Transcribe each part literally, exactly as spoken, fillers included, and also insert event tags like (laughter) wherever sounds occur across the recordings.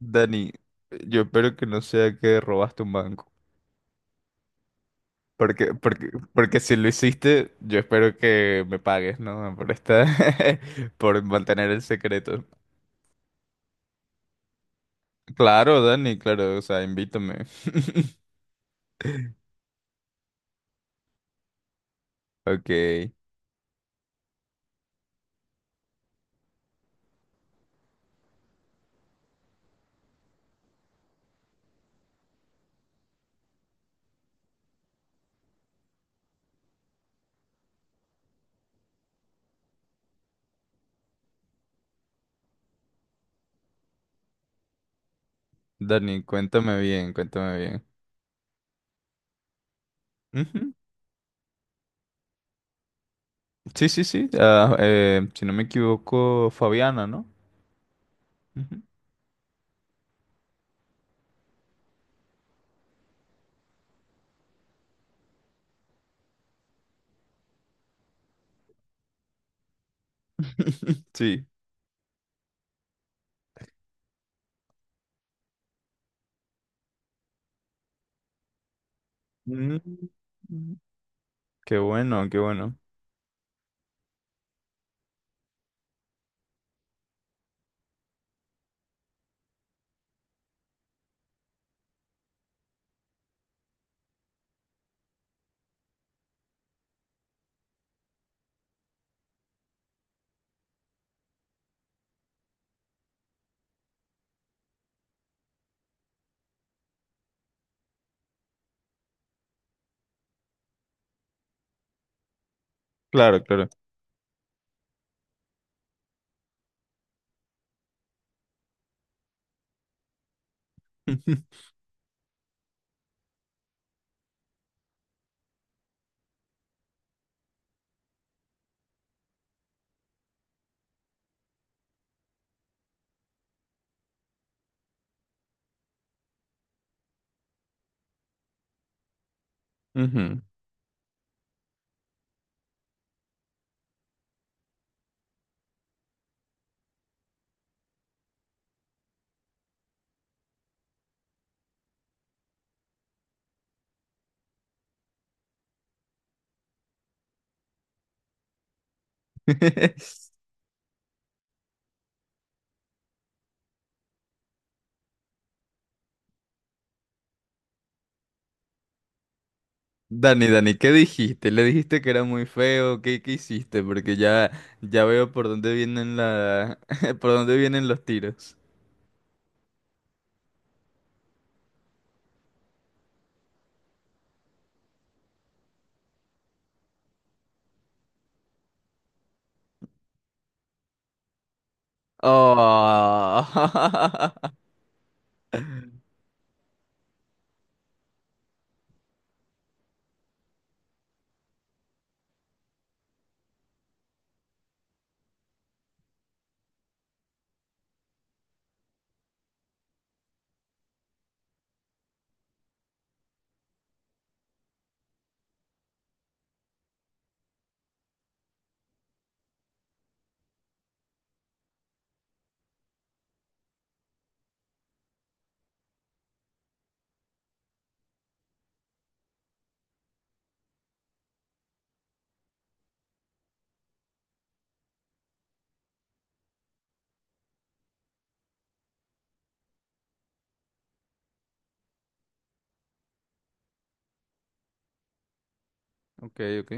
Dani, yo espero que no sea que robaste un banco. Porque, porque, porque si lo hiciste, yo espero que me pagues, ¿no? Por esta, (laughs) por mantener el secreto. Claro, Dani, claro, o sea, invítame. (laughs) Ok, Dani, cuéntame bien, cuéntame bien. Ujú. Sí, sí, sí. Ah, eh, si no me equivoco, Fabiana, ¿no? Ujú. (laughs) Sí. Mm. Qué bueno, qué bueno. Claro, claro. (laughs) Ujú. (laughs) Dani, Dani, ¿qué dijiste? ¿Le dijiste que era muy feo? ¿Qué, qué hiciste? Porque ya, ya veo por dónde vienen la, (laughs) por dónde vienen los tiros. Oh. (laughs) Ok, ok.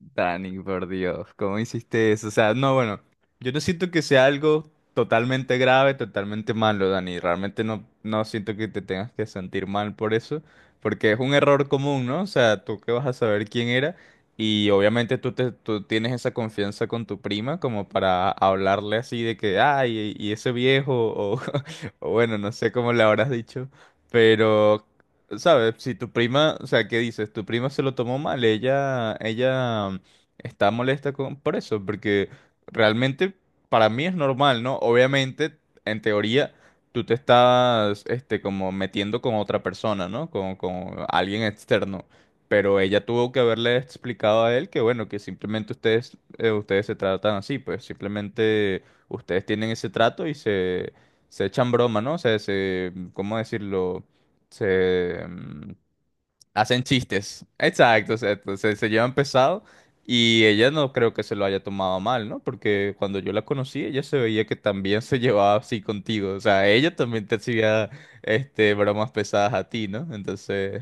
Dani, por Dios, ¿cómo hiciste eso? O sea, no, bueno, yo no siento que sea algo totalmente grave, totalmente malo, Dani. Realmente no, no siento que te tengas que sentir mal por eso, porque es un error común, ¿no? O sea, tú que vas a saber quién era y obviamente tú, te, tú tienes esa confianza con tu prima como para hablarle así de que, ay, y ese viejo, o, (laughs) o bueno, no sé cómo le habrás dicho, pero... ¿Sabes? Si tu prima, o sea, ¿qué dices? Tu prima se lo tomó mal, ella, ella mm, está molesta con, por eso, porque realmente para mí es normal, ¿no? Obviamente, en teoría, tú te estás, este, como metiendo con otra persona, ¿no? Con, con alguien externo. Pero ella tuvo que haberle explicado a él que, bueno, que simplemente ustedes, eh, ustedes se tratan así, pues simplemente ustedes tienen ese trato y se, se echan broma, ¿no? O sea, se, ¿cómo decirlo? Se mm, hacen chistes. Exacto, exacto. Se, se llevan pesado y ella no creo que se lo haya tomado mal, ¿no? Porque cuando yo la conocí, ella se veía que también se (laughs) llevaba así contigo. O sea, ella también te hacía este bromas pesadas a ti, ¿no? Entonces,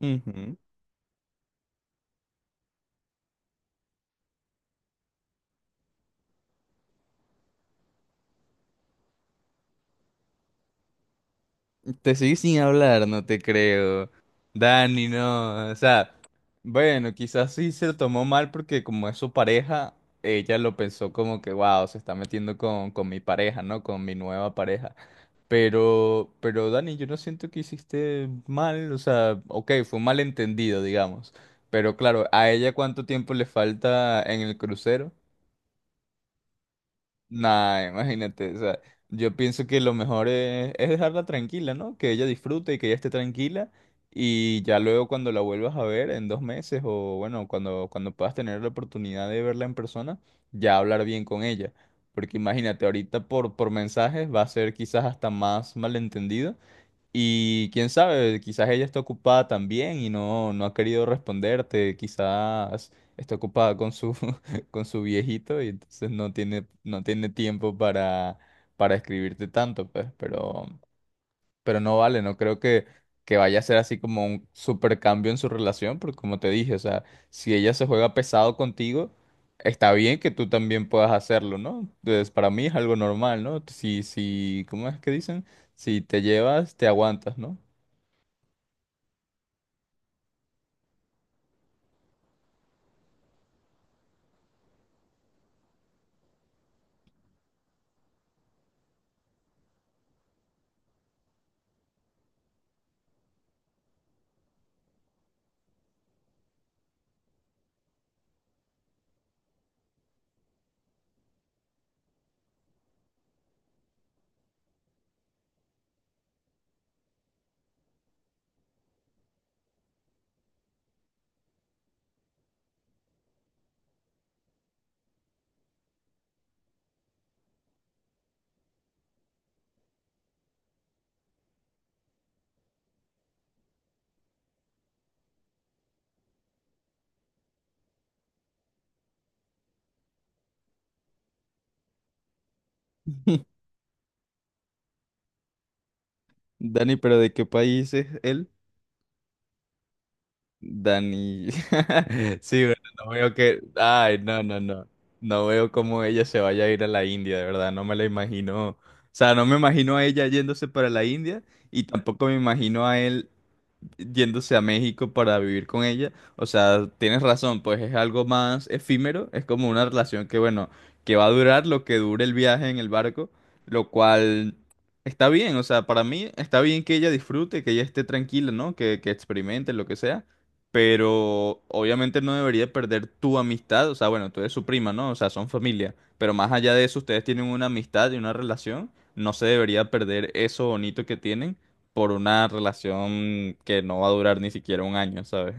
ujú. Te seguí sin hablar, no te creo. Dani, no. O sea, bueno, quizás sí se lo tomó mal porque como es su pareja, ella lo pensó como que, wow, se está metiendo con, con, mi pareja, ¿no? Con mi nueva pareja. Pero, pero Dani, yo no siento que hiciste mal. O sea, ok, fue un malentendido, digamos. Pero claro, ¿a ella cuánto tiempo le falta en el crucero? Nah, imagínate, o sea, yo pienso que lo mejor es, es dejarla tranquila, ¿no? Que ella disfrute y que ella esté tranquila y ya luego cuando la vuelvas a ver en dos meses o bueno, cuando, cuando puedas tener la oportunidad de verla en persona, ya hablar bien con ella. Porque imagínate, ahorita por, por mensajes va a ser quizás hasta más malentendido y quién sabe, quizás ella está ocupada también y no, no ha querido responderte, quizás está ocupada con su, (laughs) con su viejito y entonces no tiene, no tiene tiempo para, para, escribirte tanto, pues, pero, pero no vale, no creo que, que vaya a ser así como un super cambio en su relación, porque como te dije, o sea, si ella se juega pesado contigo, está bien que tú también puedas hacerlo, ¿no? Entonces, para mí es algo normal, ¿no? Si, si, ¿cómo es que dicen? Si te llevas, te aguantas, ¿no? (laughs) Dani, pero ¿de qué país es él? Dani. (laughs) Sí, bueno, no veo que... Ay, no, no, no. No veo cómo ella se vaya a ir a la India, de verdad, no me la imagino. O sea, no me imagino a ella yéndose para la India y tampoco me imagino a él yéndose a México para vivir con ella. O sea, tienes razón, pues es algo más efímero, es como una relación que, bueno, que va a durar lo que dure el viaje en el barco, lo cual está bien, o sea, para mí está bien que ella disfrute, que ella esté tranquila, ¿no? Que, que experimente lo que sea. Pero obviamente no debería perder tu amistad, o sea, bueno, tú eres su prima, ¿no? O sea, son familia, pero más allá de eso, ustedes tienen una amistad y una relación, no se debería perder eso bonito que tienen por una relación que no va a durar ni siquiera un año, ¿sabes?